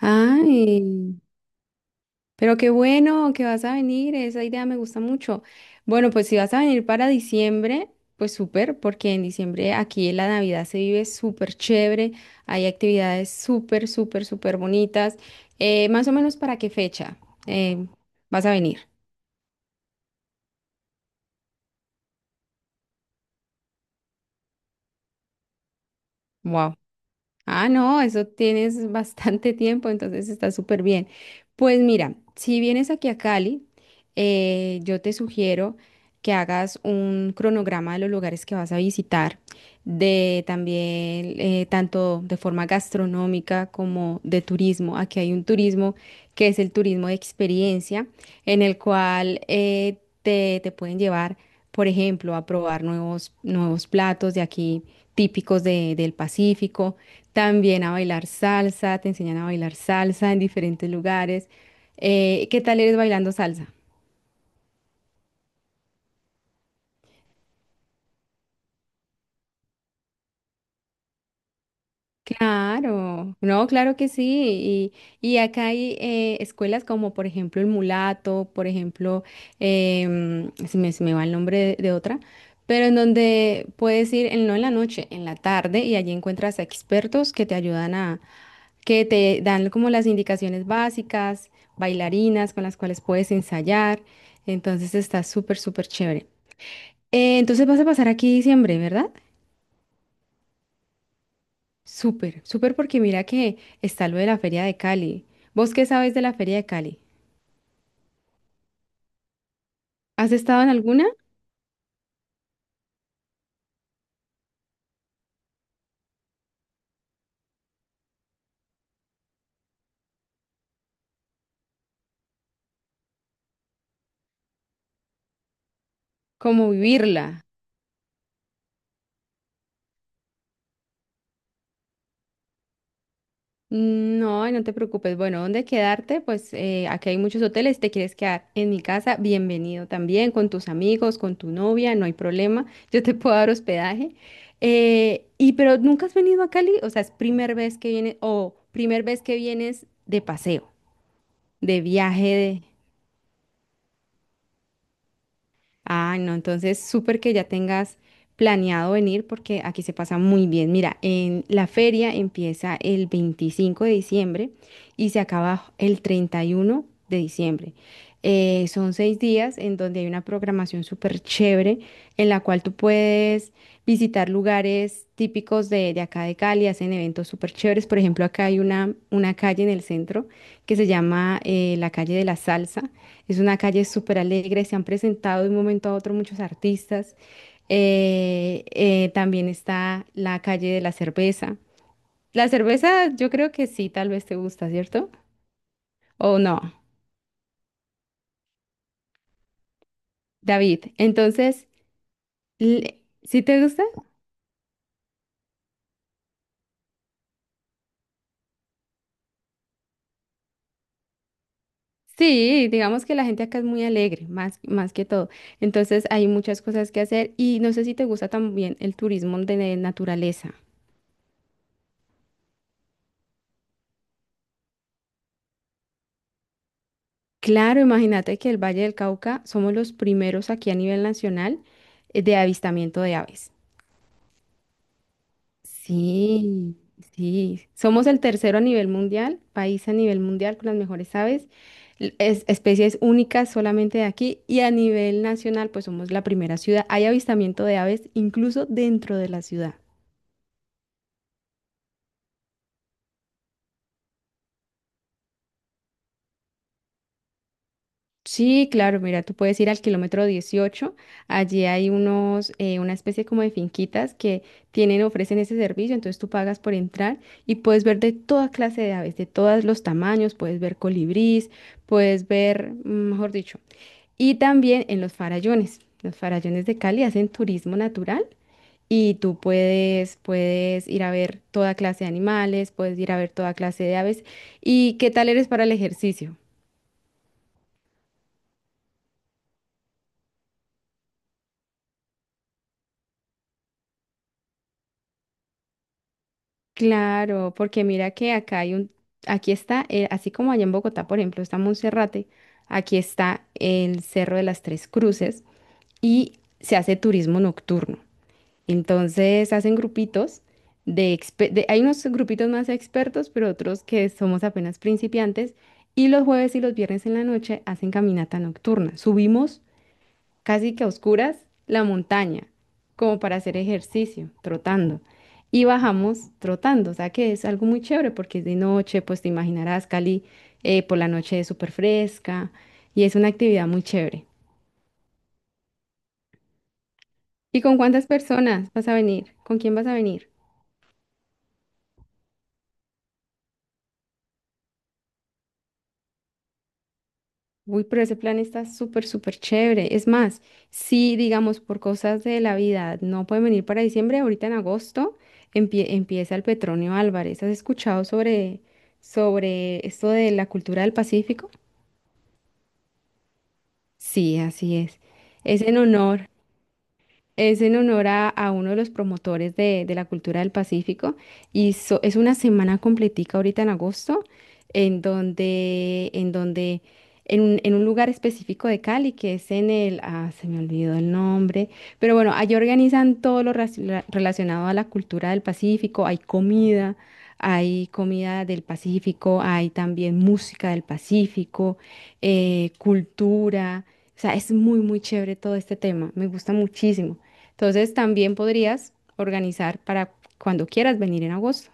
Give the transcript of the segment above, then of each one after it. Ay, pero qué bueno que vas a venir, esa idea me gusta mucho. Bueno, pues si vas a venir para diciembre, pues súper, porque en diciembre aquí en la Navidad se vive súper chévere, hay actividades súper, súper, súper bonitas. Más o menos para qué fecha eh, vas a venir? Ah, no, eso tienes bastante tiempo, entonces está súper bien. Pues mira, si vienes aquí a Cali, yo te sugiero que hagas un cronograma de los lugares que vas a visitar, de también tanto de forma gastronómica como de turismo. Aquí hay un turismo que es el turismo de experiencia, en el cual te pueden llevar, por ejemplo, a probar nuevos, nuevos platos de aquí típicos del Pacífico, también a bailar salsa, te enseñan a bailar salsa en diferentes lugares. ¿Qué tal eres bailando salsa? Claro, no, claro que sí. Y acá hay escuelas como, por ejemplo, el Mulato, por ejemplo, se me va el nombre de otra, pero en donde puedes ir, en, no en la noche, en la tarde, y allí encuentras a expertos que te ayudan a, que te dan como las indicaciones básicas, bailarinas con las cuales puedes ensayar. Entonces está súper, súper chévere. Entonces vas a pasar aquí diciembre, ¿verdad? Súper, súper, porque mira que está lo de la Feria de Cali. ¿Vos qué sabes de la Feria de Cali? ¿Has estado en alguna? ¿Cómo vivirla? Mm, no, no te preocupes. Bueno, ¿dónde quedarte? Pues aquí hay muchos hoteles. Si te quieres quedar en mi casa, bienvenido también, con tus amigos, con tu novia, no hay problema. Yo te puedo dar hospedaje. Y pero nunca has venido a Cali, o sea, es primera vez que vienes, o primer vez que vienes de paseo, de viaje. Ah, no, entonces súper que ya tengas planeado venir porque aquí se pasa muy bien. Mira, en la feria empieza el 25 de diciembre y se acaba el 31 de diciembre. Son 6 días en donde hay una programación súper chévere en la cual tú puedes visitar lugares típicos de acá de Cali, hacen eventos súper chéveres. Por ejemplo, acá hay una calle en el centro que se llama la calle de la salsa, es una calle súper alegre, se han presentado de un momento a otro muchos artistas. También está la calle de la cerveza. La cerveza yo creo que sí, tal vez te gusta, ¿cierto? O no, David. Entonces, ¿sí te gusta? Sí, digamos que la gente acá es muy alegre, más, más que todo. Entonces hay muchas cosas que hacer y no sé si te gusta también el turismo de naturaleza. Claro, imagínate que el Valle del Cauca somos los primeros aquí a nivel nacional de avistamiento de aves. Sí, sí. Somos el tercero a nivel mundial, país a nivel mundial con las mejores aves, especies únicas solamente de aquí, y a nivel nacional pues somos la primera ciudad. Hay avistamiento de aves incluso dentro de la ciudad. Sí, claro, mira, tú puedes ir al kilómetro 18. Allí hay una especie como de finquitas que tienen, ofrecen ese servicio, entonces tú pagas por entrar y puedes ver de toda clase de aves, de todos los tamaños, puedes ver colibrís, puedes ver, mejor dicho, y también en los farallones de Cali hacen turismo natural, y tú puedes ir a ver toda clase de animales, puedes ir a ver toda clase de aves. ¿Y qué tal eres para el ejercicio? Claro, porque mira que acá hay aquí está, así como allá en Bogotá, por ejemplo, está Monserrate, aquí está el Cerro de las Tres Cruces y se hace turismo nocturno. Entonces hacen grupitos hay unos grupitos más expertos, pero otros que somos apenas principiantes, y los jueves y los viernes en la noche hacen caminata nocturna. Subimos casi que a oscuras la montaña, como para hacer ejercicio, trotando. Y bajamos trotando, o sea que es algo muy chévere porque es de noche, pues te imaginarás, Cali, por la noche es súper fresca, y es una actividad muy chévere. ¿Y con cuántas personas vas a venir? ¿Con quién vas a venir? Uy, pero ese plan está súper, súper chévere. Es más, si digamos por cosas de la vida no pueden venir para diciembre, ahorita en agosto empieza el Petronio Álvarez. ¿Has escuchado sobre esto de la cultura del Pacífico? Sí, así es. Es en honor. Es en honor a uno de los promotores de la cultura del Pacífico, y es una semana completica ahorita en agosto en donde, en donde, en un lugar específico de Cali que es en el, se me olvidó el nombre, pero bueno, allí organizan todo lo relacionado a la cultura del Pacífico, hay comida del Pacífico, hay también música del Pacífico, cultura, o sea, es muy, muy chévere todo este tema, me gusta muchísimo. Entonces también podrías organizar para cuando quieras venir en agosto.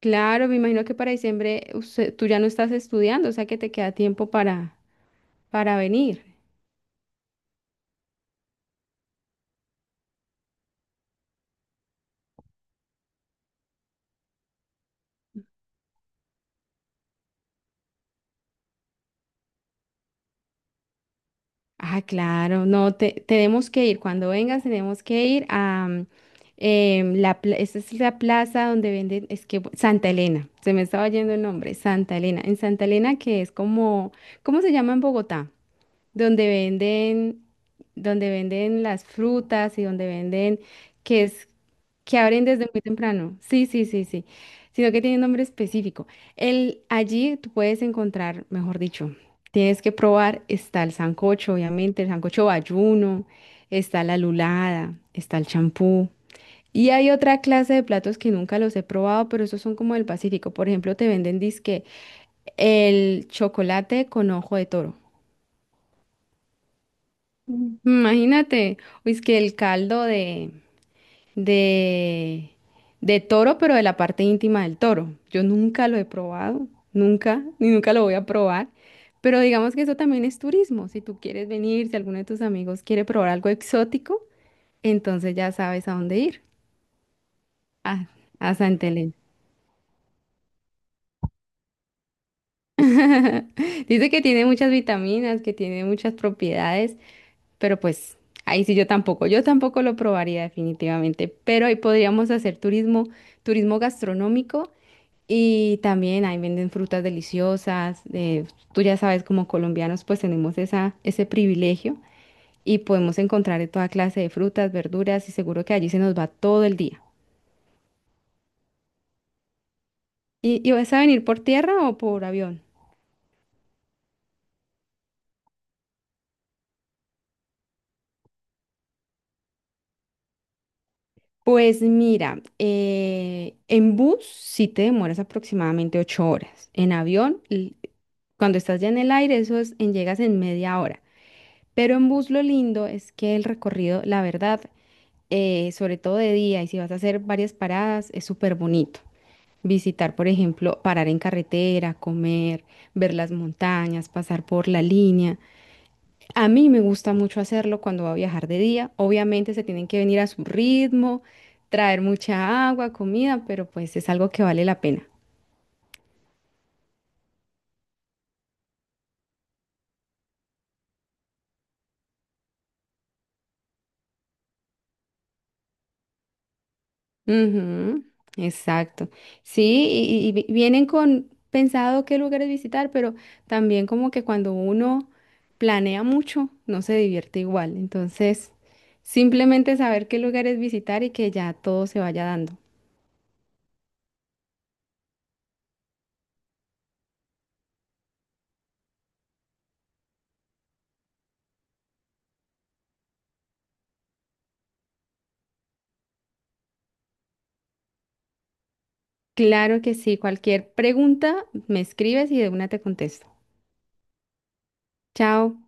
Claro, me imagino que para diciembre tú ya no estás estudiando, o sea que te queda tiempo para venir. Ah, claro, no, tenemos que ir. Cuando vengas tenemos que ir a esa es la plaza donde venden, es que Santa Elena, se me estaba yendo el nombre, Santa Elena. En Santa Elena, que es como, ¿cómo se llama en Bogotá? Donde venden, donde venden las frutas y donde venden, que es, que abren desde muy temprano. Sí, sí, sí, sí. Sino que tiene un nombre específico. Allí tú puedes encontrar, mejor dicho, tienes que probar, está el sancocho, obviamente, el sancocho bayuno, está la lulada, está el champú. Y hay otra clase de platos que nunca los he probado, pero esos son como del Pacífico. Por ejemplo, te venden disque el chocolate con ojo de toro. Imagínate, uy, es que el caldo de, de toro, pero de la parte íntima del toro. Yo nunca lo he probado, nunca, ni nunca lo voy a probar. Pero digamos que eso también es turismo. Si tú quieres venir, si alguno de tus amigos quiere probar algo exótico, entonces ya sabes a dónde ir, a, a Santa Elena. Dice que tiene muchas vitaminas, que tiene muchas propiedades. Pero pues ahí sí yo tampoco lo probaría definitivamente, pero ahí podríamos hacer turismo, turismo gastronómico, y también ahí venden frutas deliciosas, tú ya sabes, como colombianos pues tenemos esa, ese privilegio, y podemos encontrar de toda clase de frutas, verduras y seguro que allí se nos va todo el día. ¿Y vas a venir por tierra o por avión? Pues mira, en bus sí te demoras aproximadamente 8 horas, en avión cuando estás ya en el aire, eso es en llegas en media hora. Pero en bus lo lindo es que el recorrido, la verdad, sobre todo de día, y si vas a hacer varias paradas, es súper bonito. Visitar, por ejemplo, parar en carretera, comer, ver las montañas, pasar por la línea. A mí me gusta mucho hacerlo cuando va a viajar de día. Obviamente se tienen que venir a su ritmo, traer mucha agua, comida, pero pues es algo que vale la pena. Ujú, exacto. Sí, vienen con pensado qué lugares visitar, pero también como que cuando uno planea mucho, no se divierte igual. Entonces, simplemente saber qué lugares visitar y que ya todo se vaya dando. Claro que sí, cualquier pregunta me escribes y de una te contesto. Chao.